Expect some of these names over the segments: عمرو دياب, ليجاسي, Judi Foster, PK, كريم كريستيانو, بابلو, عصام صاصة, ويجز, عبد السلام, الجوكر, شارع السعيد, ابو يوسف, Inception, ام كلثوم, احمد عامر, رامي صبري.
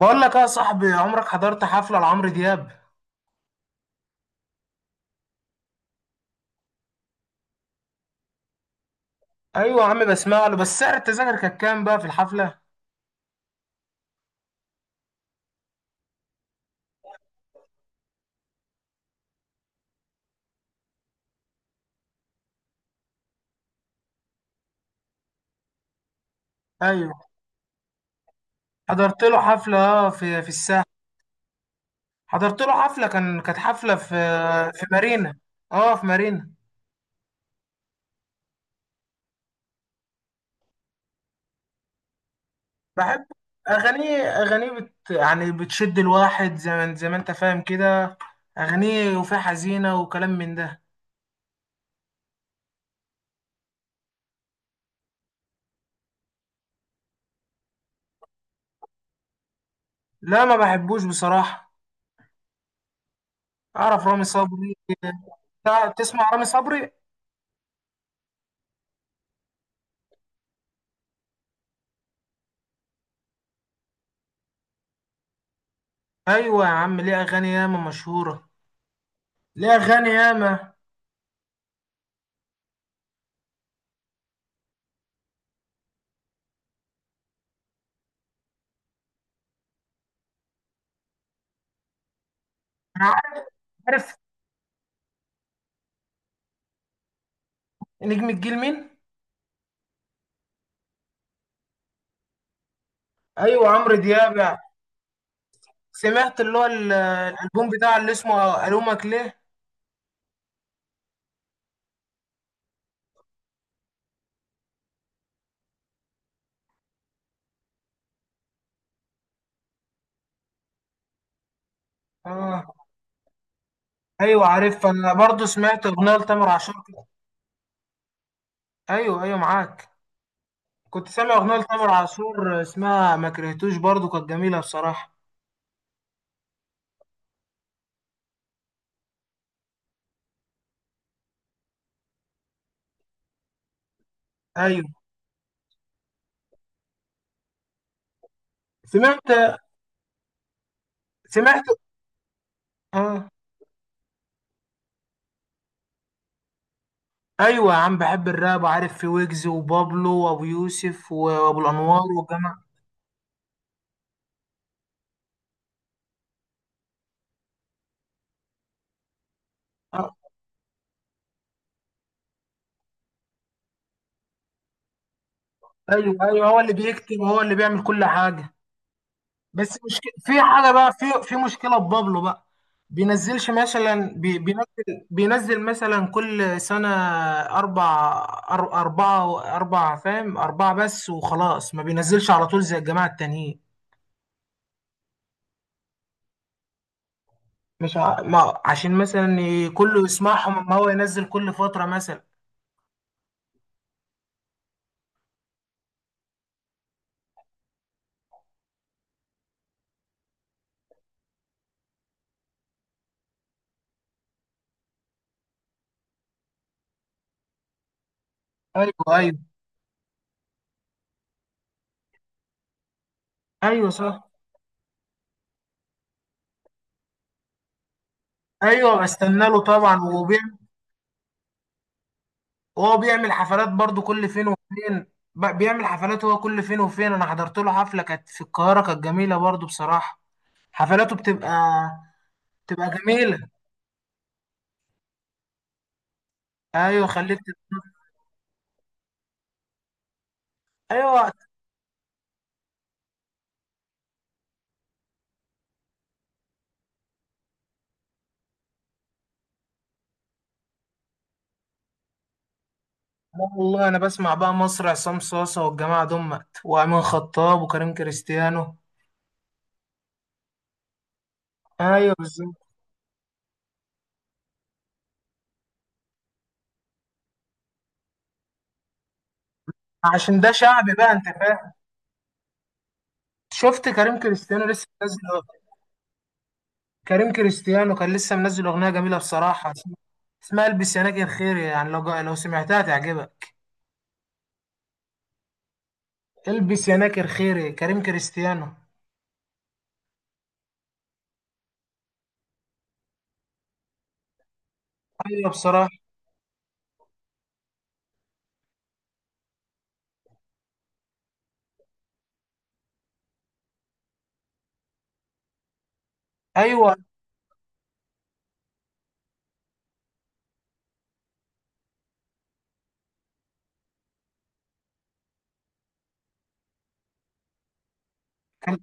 بقول لك إيه يا صاحبي، عمرك حضرت حفلة لعمرو دياب؟ ايوه يا عم، بسمع له. بس سعر التذاكر كان كام بقى في الحفلة؟ ايوه، حضرت له حفلة، في الساحل. حضرت له حفلة كانت حفلة في مارينا. اه، في مارينا. بحب اغانيه. يعني بتشد الواحد، زي ما انت فاهم كده. اغانيه، وفيها حزينة وكلام من ده. لا، ما بحبوش بصراحة. اعرف رامي صبري. تسمع رامي صبري؟ ايوه يا عم، ليه اغاني ياما مشهورة. ليه اغاني ياما. انا عارف. نجم الجيل مين؟ ايوه، عمرو دياب. سمعت اللي هو الالبوم بتاع اللي اسمه الومك ليه. اه. ايوه عارف، انا برضو سمعت اغنيه لتامر عاشور كده. ايوه ايوه، معاك. كنت سامع اغنيه لتامر عاشور اسمها ما كرهتوش، برضو كانت جميله بصراحه. ايوه. سمعت سمعت. اه. ايوه يا عم، بحب الراب، وعارف في ويجز وبابلو وابو يوسف وابو الانوار والجماعه. آه. ايوه ايوه، هو اللي بيكتب وهو اللي بيعمل كل حاجه. بس مشكلة في حاجة بقى، في مشكلة ببابلو بقى. بينزلش مثلا، بينزل مثلا كل سنة أربعة فاهم، أربعة بس وخلاص. ما بينزلش على طول زي الجماعة التانيين. مش ع... ما عشان مثلا كله يسمعهم، أما هو ينزل كل فترة مثلا. أيوه. أيوه. أيوه، صح. أيوه، بستنى له طبعا. وهو بيعمل حفلات برضو كل فين وفين. بيعمل حفلات هو كل فين وفين. انا حضرت له حفلة كانت في القاهرة، كانت جميلة برضو بصراحة. حفلاته بتبقى، جميلة. ايوه، خليك ايوه، لا. والله انا بسمع بقى مصر، عصام صاصة والجماعة دمت وامين خطاب وكريم كريستيانو. ايوه بالظبط. عشان ده شعبي بقى، انت فاهم. شفت كريم كريستيانو لسه منزل؟ كريم كريستيانو كان لسه منزل اغنية جميلة بصراحة اسمها. اسمها البس يا ناجي الخير، يعني لو سمعتها تعجبك. البس يا ناكر خيري، كريم كريستيانو. ايوه بصراحه. ايوه كان.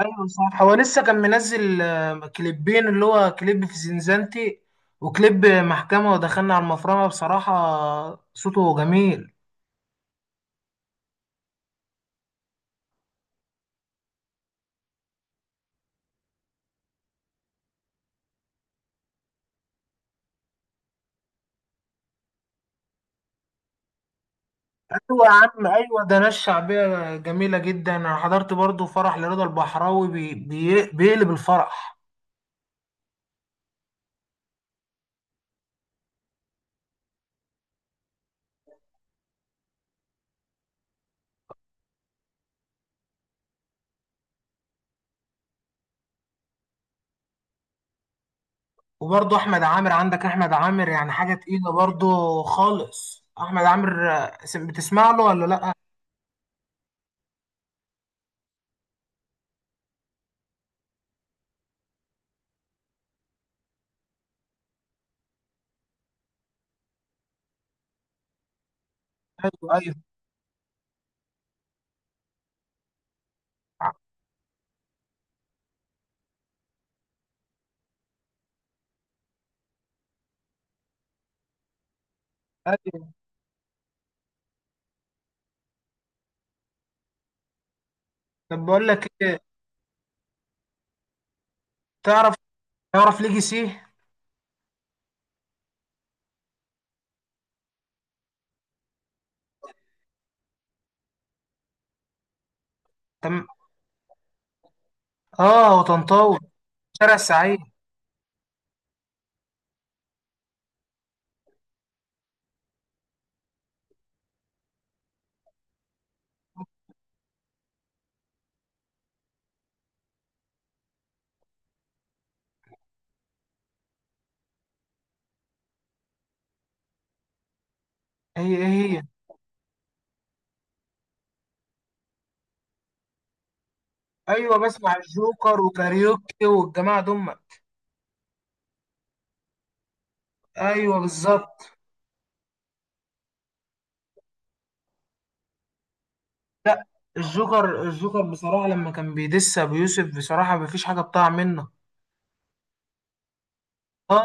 ايوه صح، هو لسه كان منزل كليبين، اللي هو كليب في زنزانتي وكليب محكمه ودخلنا على المفرمه. بصراحه صوته جميل. ايوه يا عم، ايوه، ده ناس شعبيه جميله جدا. انا حضرت برضو فرح لرضا البحراوي، بي بي بيقلب الفرح. وبرضو احمد عامر. عندك احمد عامر، يعني حاجه تقيله برضو خالص. احمد عامر، بتسمع له ولا لا؟ ايوه ايوه. أيوة. طب بقول لك ايه؟ تعرف تعرف ليجاسي؟ تم. اه، وطنطاوي. شارع السعيد. هي ايه؟ هي ايوه، بسمع الجوكر وكاريوكي والجماعه دول. ايوه بالظبط. لا، الجوكر بصراحه، لما كان بيدس ابو يوسف، بصراحه مفيش حاجه بتاع منه. اه.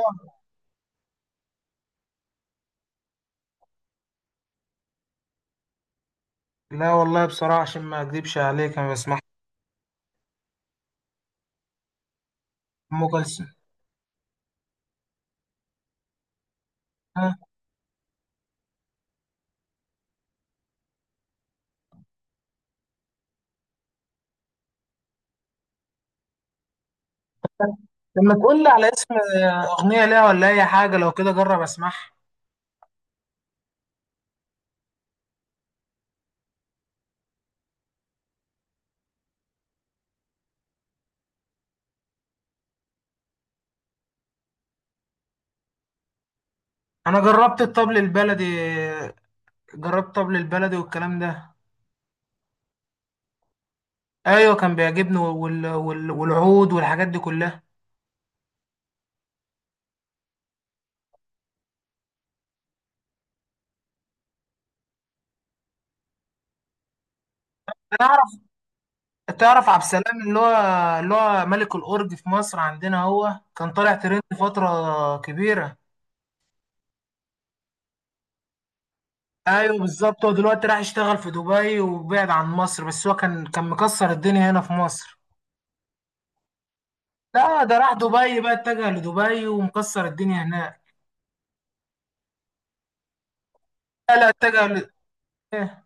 لا والله بصراحه، عشان ما اكذبش عليك، انا بسمع ام كلثوم. آه. لما تقول لي على اسم اغنيه ليها ولا اي حاجه لو كده، جرب اسمعها. انا جربت الطبل البلدي. جربت طبل البلدي والكلام ده. ايوه كان بيعجبني والعود والحاجات دي كلها. تعرف تعرف عبد السلام، اللي هو ملك الاورج في مصر عندنا. هو كان طالع ترند فتره كبيره. ايوه بالظبط. هو دلوقتي راح يشتغل في دبي وبعد عن مصر. بس هو كان مكسر الدنيا هنا في مصر. لا، ده راح دبي بقى. اتجه لدبي ومكسر الدنيا هناك. لا لا، اتجه إيه.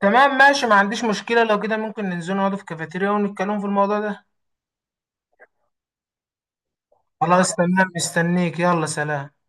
تمام ماشي، ما عنديش مشكله. لو كده، ممكن ننزل نقعد في كافيتيريا ونتكلم في الموضوع ده. خلاص تمام، مستنيك. يلا سلام.